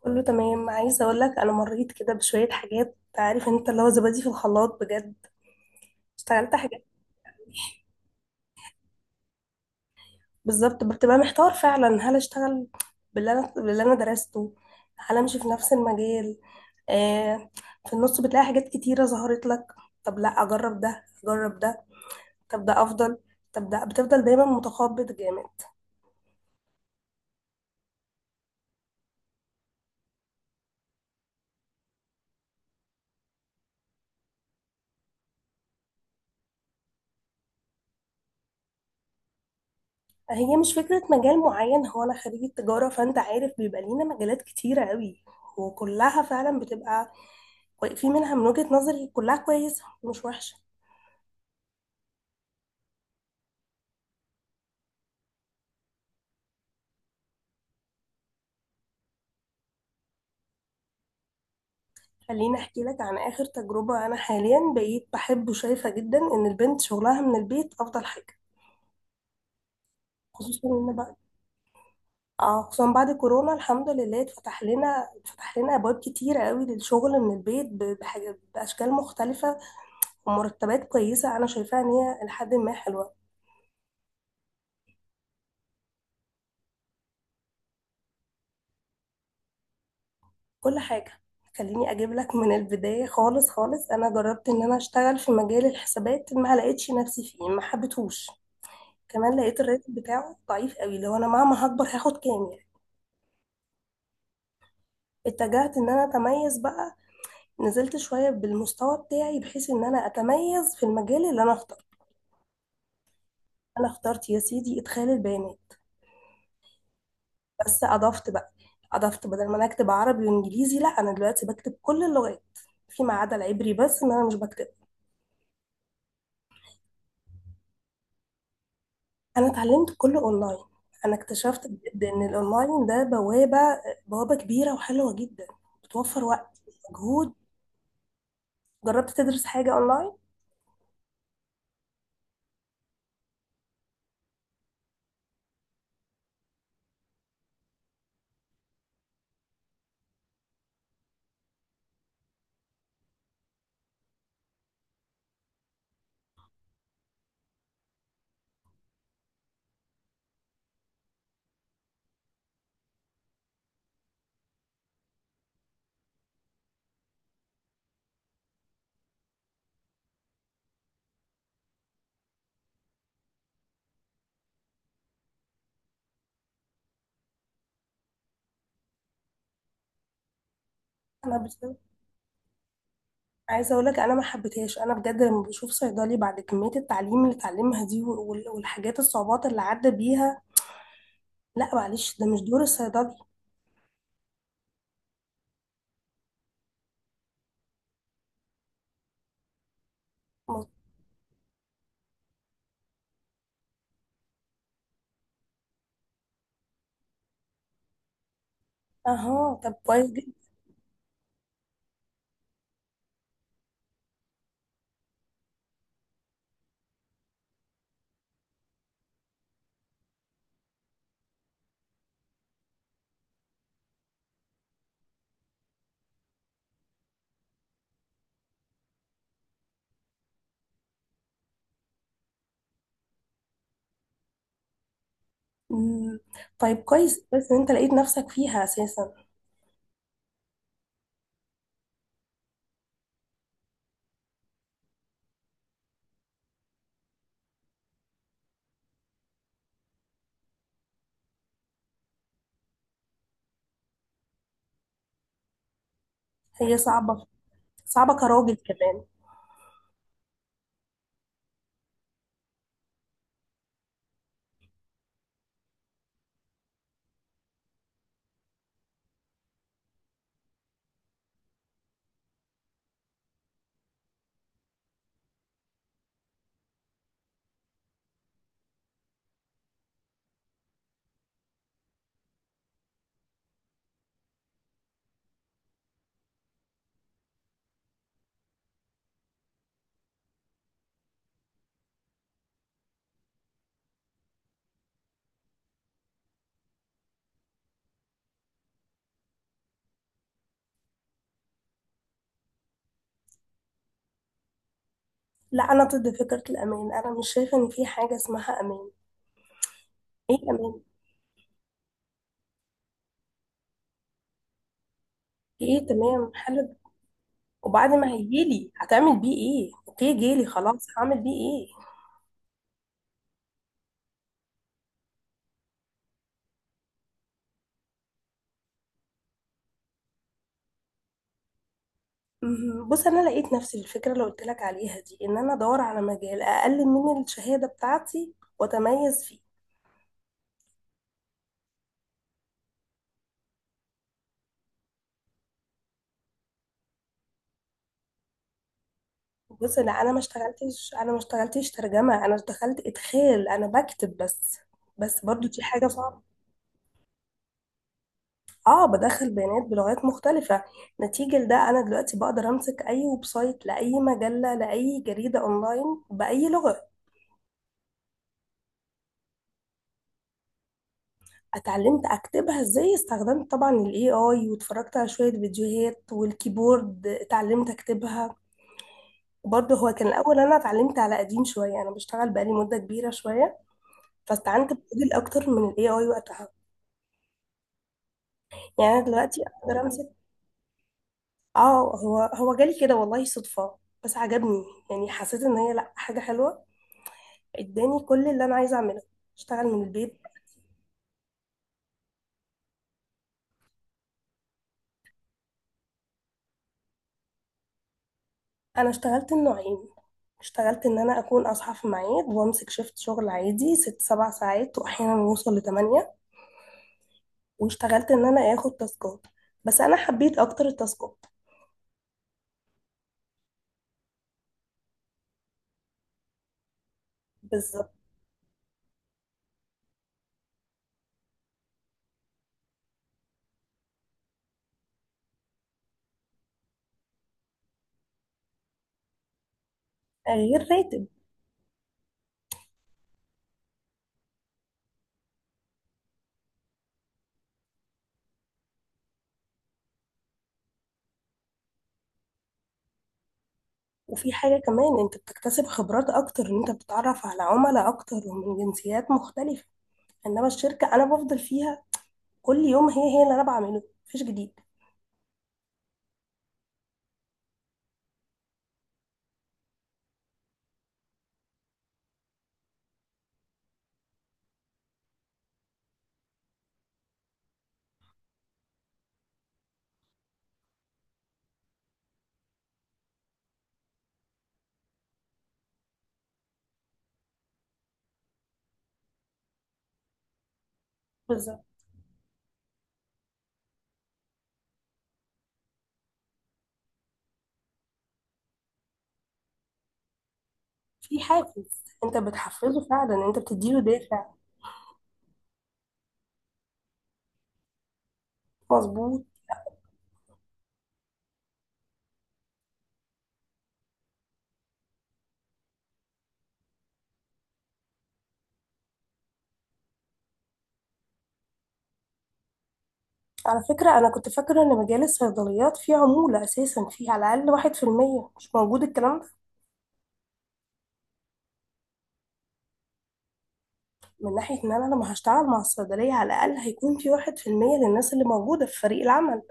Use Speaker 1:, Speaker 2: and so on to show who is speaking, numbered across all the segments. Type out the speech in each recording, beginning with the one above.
Speaker 1: كله تمام. عايزه اقول لك انا مريت كده بشويه حاجات، عارف انت اللي هو زبادي في الخلاط بجد. اشتغلت حاجات بالظبط، بتبقى محتار فعلا. هل اشتغل باللي انا درسته؟ هل امشي في نفس المجال؟ آه. في النص بتلاقي حاجات كتيره ظهرت لك. طب لا، اجرب ده اجرب ده، طب ده افضل، طب ده. بتفضل دايما متخبط جامد. هي مش فكره مجال معين، هو انا خريجه تجاره، فانت عارف بيبقى لينا مجالات كتيره قوي، وكلها فعلا بتبقى، في منها من وجهة نظري كلها كويسة، مش وحشة. خليني احكي لك عن اخر تجربة. انا حاليا بقيت بحب وشايفة جدا ان البنت شغلها من البيت افضل حاجة، خصوصا ان بعد، اه خصوصا بعد كورونا، الحمد لله، اتفتح لنا ابواب كتيرة قوي للشغل من البيت، بحاجة باشكال مختلفة ومرتبات كويسة. انا شايفاها ان هي لحد ما حلوة. كل حاجة، خليني اجيب لك من البداية. خالص، انا جربت ان انا اشتغل في مجال الحسابات، ما لقيتش نفسي فيه، ما حبيتهوش. كمان لقيت الراتب بتاعه ضعيف قوي، لو انا مهما هكبر هاخد كام يعني؟ اتجهت ان انا اتميز بقى، نزلت شوية بالمستوى بتاعي بحيث ان انا اتميز في المجال اللي انا اخترته. انا اخترت يا سيدي ادخال البيانات، بس اضفت بقى. اضفت بدل ما انا اكتب عربي وانجليزي، لا انا دلوقتي بكتب كل اللغات فيما عدا العبري، بس ان انا مش بكتب. انا اتعلمت كله اونلاين. انا اكتشفت بجد ان الاونلاين ده بوابة، بوابة كبيرة وحلوة جدا، بتوفر وقت، مجهود. جربت تدرس حاجة اونلاين؟ انا عايزه اقول لك انا ما حبيتهاش. انا بجد لما بشوف صيدلي بعد كميه التعليم اللي اتعلمها دي والحاجات الصعوبات اللي عدى بيها، لا معلش ده مش دور الصيدلي. اها، طب كويس جدا. مم. طيب كويس، بس انت لقيت نفسك فيها اساسا. هي صعبه، صعبه كراجل كمان. لا انا ضد فكره الامان، انا مش شايفه ان في حاجه اسمها امان. ايه امان؟ ايه؟ تمام، حلو. وبعد ما هيجيلي هتعمل بيه ايه؟ اوكي جيلي خلاص، هعمل بيه ايه؟ مهم. بص، انا لقيت نفسي الفكره اللي قلت لك عليها دي، ان انا ادور على مجال اقل من الشهاده بتاعتي واتميز فيه. بص، لا انا ما اشتغلتش، انا ما اشتغلتش ترجمه. انا دخلت ادخال، انا بكتب بس. بس برضو دي حاجه صعبه. اه، بدخل بيانات بلغات مختلفه. نتيجه لده انا دلوقتي بقدر امسك اي ويب سايت لاي مجله لاي جريده اونلاين باي لغه. اتعلمت اكتبها ازاي؟ استخدمت طبعا الاي اي واتفرجت على شويه فيديوهات، والكيبورد اتعلمت اكتبها. برضه هو كان الأول، أنا اتعلمت على قديم شوية، أنا بشتغل بقالي مدة كبيرة شوية، فاستعنت بموديل أكتر من ال AI وقتها. يعني أنا دلوقتي أقدر والله أمسك. اه، هو جالي كده والله صدفة، بس عجبني. يعني حسيت إن هي، لأ، حاجة حلوة. اداني كل اللي أنا عايزة أعمله، اشتغل من البيت. أنا اشتغلت النوعين: اشتغلت إن أنا أكون أصحى في ميعاد وأمسك شيفت شغل عادي ست سبع ساعات وأحيانا يوصل لتمانية، واشتغلت إن أنا آخد تاسكات، بس أنا حبيت أكتر التاسكات. بالظبط، غير راتب. وفي حاجة كمان، انت بتكتسب خبرات اكتر، ان انت بتتعرف على عملاء اكتر ومن جنسيات مختلفة. انما الشركة انا بفضل فيها كل يوم هي هي اللي انا بعمله، مفيش جديد. بالظبط. في حافز، انت بتحفزه فعلا، انت بتديله دافع. مظبوط. على فكرة، انا كنت فاكرة ان مجال الصيدليات فيه عمولة اساسا، فيه على الاقل واحد في المية. مش موجود الكلام ده؟ من ناحية ان انا لما هشتغل مع الصيدلية على الاقل هيكون في واحد في المية للناس اللي موجودة في فريق العمل.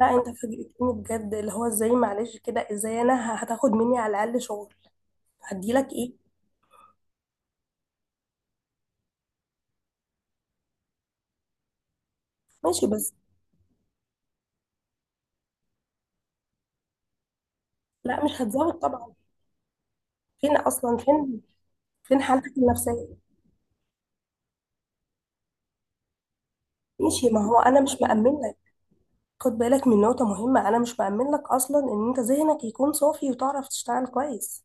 Speaker 1: لا انت فاجئتني بجد، اللي هو ازاي؟ معلش كده، ازاي انا هتاخد مني على الاقل شغل هديلك ايه؟ ماشي بس. لا، مش هتزود طبعا، فين اصلا؟ فين؟ فين حالتك النفسيه؟ ماشي، ما هو انا مش مأمن لك. خد بالك من نقطه مهمه، انا مش مأمن لك اصلا ان انت ذهنك يكون صافي وتعرف تشتغل كويس.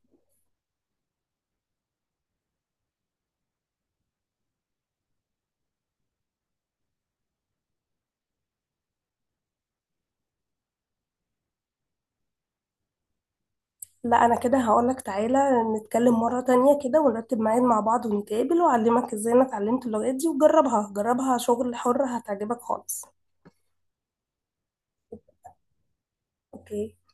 Speaker 1: لا انا كده هقول لك، تعالى نتكلم مره تانية كده ونرتب ميعاد مع بعض ونتقابل، واعلمك ازاي انا اتعلمت اللغات دي، وجربها شغل حر هتعجبك خالص. اوكي.